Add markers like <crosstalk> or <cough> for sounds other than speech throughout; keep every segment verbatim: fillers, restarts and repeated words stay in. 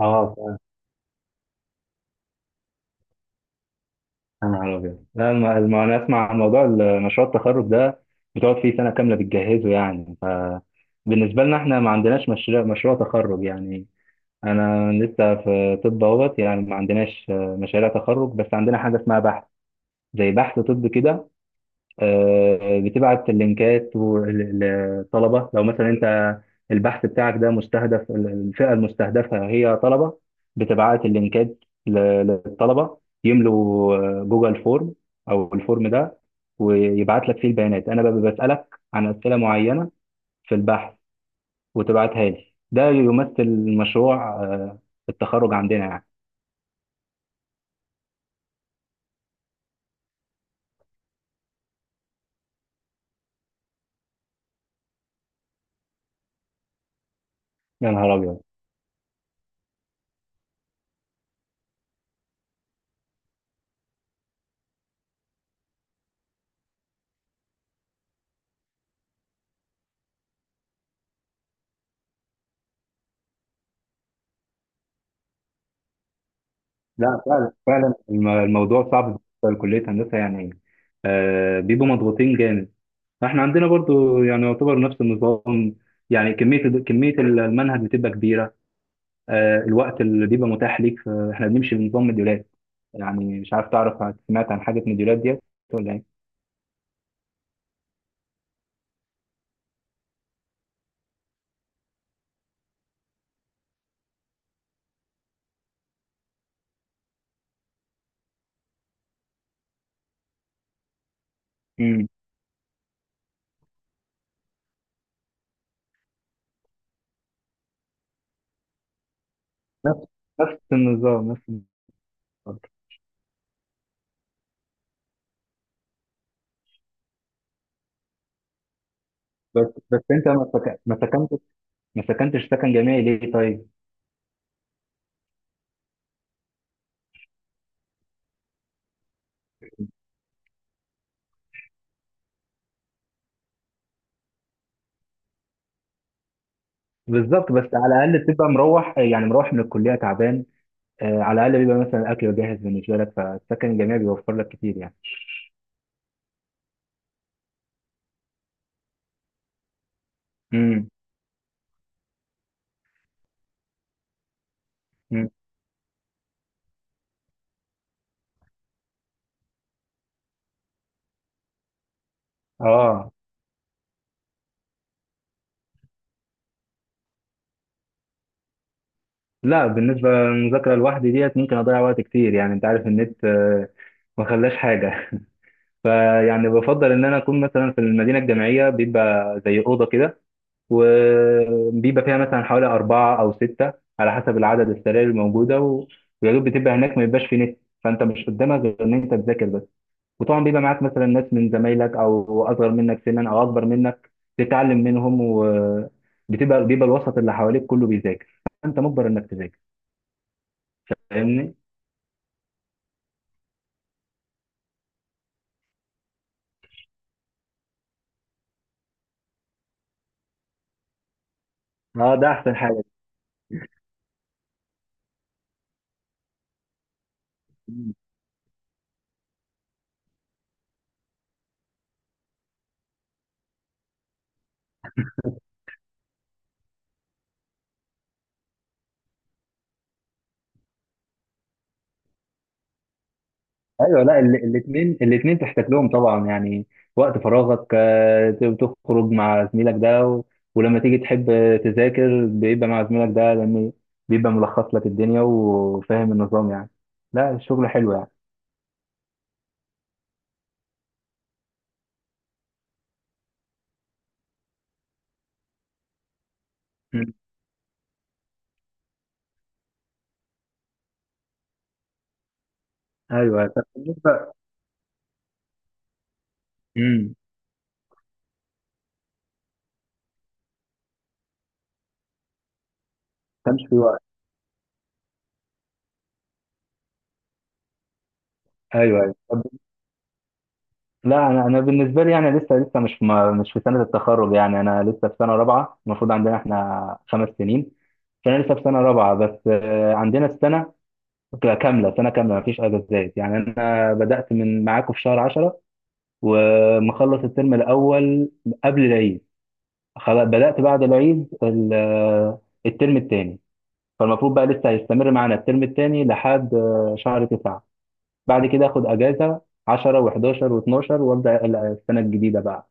اه فعلا. يا نهار ابيض، لا الم- الم- انا اسمع عن موضوع ال- مشروع التخرج ده، بتقعد فيه سنه كامله بتجهزه يعني. فبالنسبه لنا احنا ما عندناش مشروع مشروع تخرج يعني، انا لسه في طب اهوت. يعني ما عندناش آه، مشاريع تخرج، بس عندنا حاجه اسمها بحث، زي بحث طب كده. آه، بتبعت اللينكات للطلبة، لو مثلا انت البحث بتاعك ده مستهدف، الفئة المستهدفة هي طلبة، بتبعت اللينكات ل- للطلبة يملوا آه، جوجل فورم او الفورم ده، ويبعت لك فيه البيانات. انا ببقى بسألك عن أسئلة معينة في البحث وتبعتها لي. ده يمثل مشروع آه، التخرج عندنا يعني. يا نهار ابيض، لا فعلا فعلا الم- الموضوع صعب بالنسبه لكليه هندسه يعني، آه بيبقوا مضغوطين جامد. احنا عندنا برضو يعني يعتبر نفس النظام، يعني كميه كميه المنهج بتبقى كبيره. آه الوقت اللي بيبقى متاح ليك، آه، احنا بنمشي بنظام مديولات. يعني مش عارف، تعرف، سمعت عن حاجه مديولات ديت ولا ايه؟ امم، نفس نفس النظام نفس النظام. بس بس انت ما سك- ما سكنتش، ما سكنتش سكن جامعي ليه طيب؟ بالظبط، بس على الاقل تبقى مروح، يعني مروح من الكليه تعبان، آه، على الاقل بيبقى مثلا اكل جاهز بالنسبه لك، فالسكن الجامعي بيوفر لك كتير يعني. امم. أمم. اه، لا بالنسبه للمذاكره لوحدي ديت، ممكن اضيع وقت كتير. يعني انت عارف النت آه، ما خلاش حاجه. <laughs> فيعني بفضل ان انا اكون مثلا في المدينه الجامعيه، بيبقى زي اوضه كده وبيبقى فيها مثلا حوالي اربعه او سته، على حسب العدد، السراير الموجوده و- ويا دوب بتبقى هناك، ما بيبقاش في نت، فانت مش قدامك غير ان انت تذاكر بس. وطبعا بيبقى معاك مثلا ناس من زمايلك او اصغر منك سنا او اكبر منك، تتعلم منهم. وبتبقى بيبقى الوسط اللي حواليك كله بيذاكر، فانت مجبر انك تذاكر. فاهمني، اه، ده احسن حاجه. ايوه، لا الاثنين الاثنين تحتاج لهم طبعا يعني. وقت فراغك آه، تخرج مع زميلك ده و- ولما تيجي تحب آه، تذاكر، بيبقى مع زميلك ده، لان بيبقى ملخص لك الدنيا وفاهم النظام يعني. لا الشغل حلو يعني. مم. ايوه، طب بالنسبه، امم، ايوه ايوه، طب- لا انا انا بالنسبه لي يعني لسه لسه مش ما مش في سنه التخرج، يعني انا لسه في سنه رابعه، المفروض عندنا احنا خمس سنين. فانا لسه في سنه رابعه، بس آه، عندنا السنه ك- كامله، سنه كامله مفيش اجازات. يعني انا بدات من معاكم في شهر عشرة، ومخلص الترم الاول قبل العيد. خلاص بدات بعد العيد ال- آه، الترم الثاني، فالمفروض بقى لسه هيستمر معانا الترم الثاني لحد آه، شهر تسعة، بعد كده اخد اجازه عشرة و11 و12 وابدا ال- السنه الجديده بقى.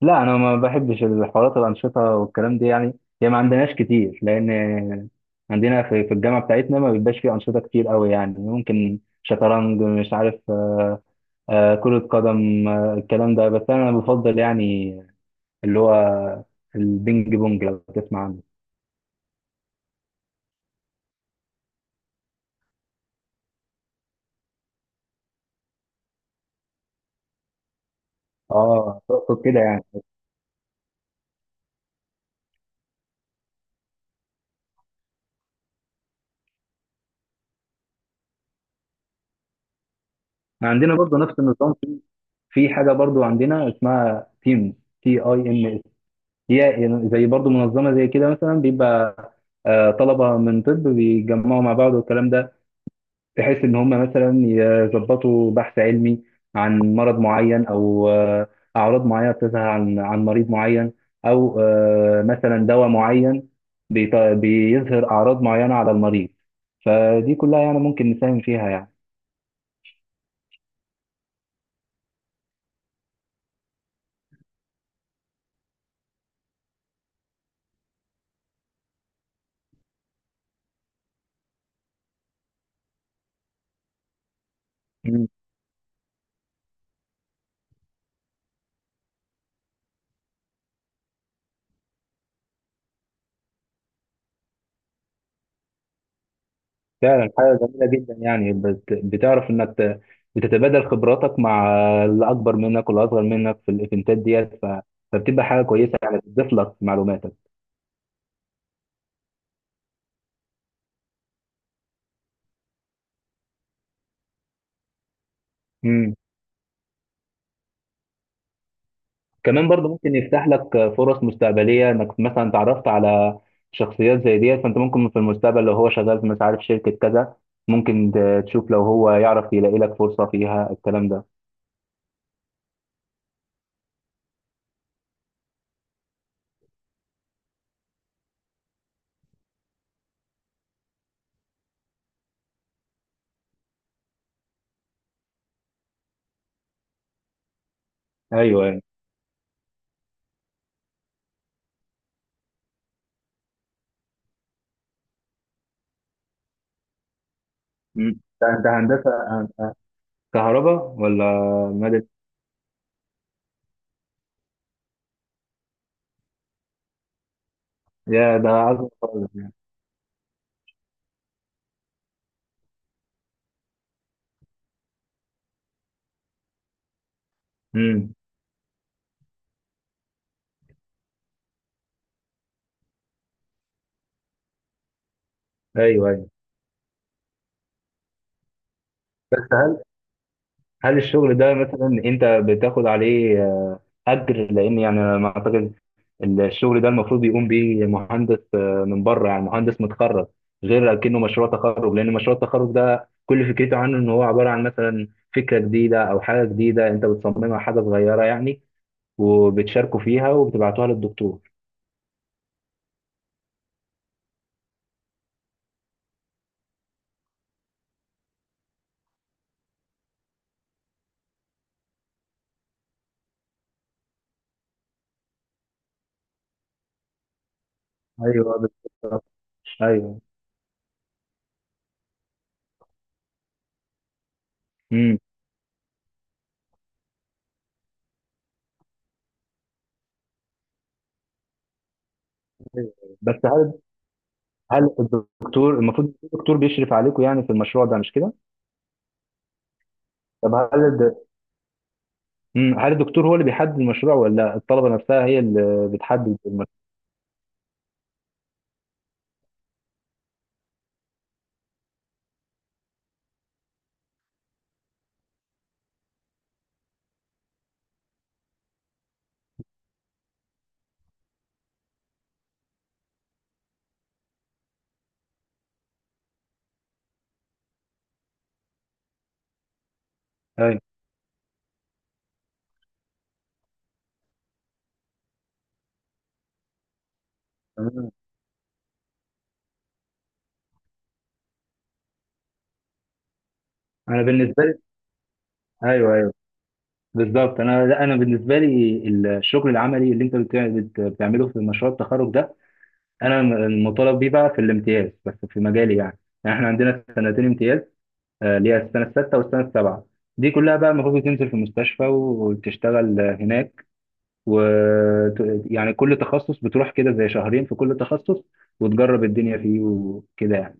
لا انا ما بحبش الحوارات الانشطه والكلام دي يعني. هي ما عندناش كتير، لان عندنا في في الجامعه بتاعتنا ما بيبقاش فيه انشطه كتير قوي. يعني ممكن شطرنج، مش عارف، آه، آه، كرة قدم، آه، الكلام ده. بس انا بفضل يعني، اللي هو البينج بونج لو تسمع عنه. اه تقصد كده يعني، عندنا برضو نفس النظام في في حاجه برضو عندنا اسمها تيم، تي اي ام. هي زي برضو منظمة زي كده، مثلا بيبقى آه، طلبة من طب بيتجمعوا مع بعض والكلام ده، بحيث إن هم مثلا يظبطوا بحث علمي عن مرض معين أو آه، أعراض معينة بتظهر عن عن مريض معين، أو آه، مثلا دواء معين بيط- بيظهر أعراض معينة على المريض. فدي كلها يعني ممكن نساهم فيها يعني. فعلا حاجة جميلة جدا يعني، بت- بتعرف انك ت- بتتبادل خبراتك مع اللي اكبر منك واللي اصغر منك في الايفنتات ديت، ف- فبتبقى حاجة كويسة يعني، بتضيف لك معلوماتك. امم، كمان برضه ممكن يفتح لك فرص مستقبلية، انك مثلا تعرفت على شخصيات زي ديت، فانت ممكن في المستقبل لو هو شغال في مش عارف شركة كذا، ممكن ت- تشوف لو هو يعرف يلاقي لك فرصة فيها، الكلام ده. ايوه ايوه. مم. ده ده هندسة آه، كهرباء ولا مدني؟ يا ده عظمة خالص يعني. مم. ايوه ايوه، بس هل هل الشغل ده مثلا انت بتاخد عليه آه، اجر؟ لان يعني انا ما اعتقد، الشغل ده المفروض بيقوم بيه مهندس آه، من بره، يعني مهندس متخرج، غير اكنه مشروع تخرج. لان مشروع التخرج ده كل فكرته عنه ان هو عباره عن مثلا فكره جديده او حاجه جديده انت بتصممها، حاجه صغيره يعني، وبتشاركوا فيها وبتبعتوها للدكتور. ايوه بالظبط. ايوه. امم، بس هل هل الدكتور، المفروض الدكتور بيشرف عليكم يعني في المشروع ده مش كده؟ طب هل، مم، هل الدكتور هو اللي بيحدد المشروع ولا الطلبه نفسها هي اللي بتحدد المشروع؟ ايوه تمام. انا بالنسبه لي، ايوه ايوه بالظبط، انا لا انا بالنسبه لي الشغل العملي اللي انت بتع- بت- بتعمله في مشروع التخرج ده، انا المطالب بيه بقى في الامتياز بس في مجالي يعني. يعني احنا عندنا سنتين امتياز، آه، اللي هي السنه السادسه والسنه السابعه، دي كلها بقى المفروض تنزل في المستشفى وتشتغل هناك. و يعني كل تخصص بتروح كده زي شهرين في كل تخصص، وتجرب الدنيا فيه وكده يعني.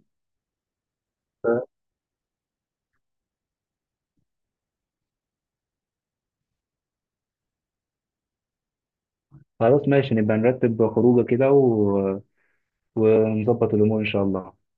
خلاص ماشي، نبقى نرتب خروجه كده، و... ونظبط الامور ان شاء الله.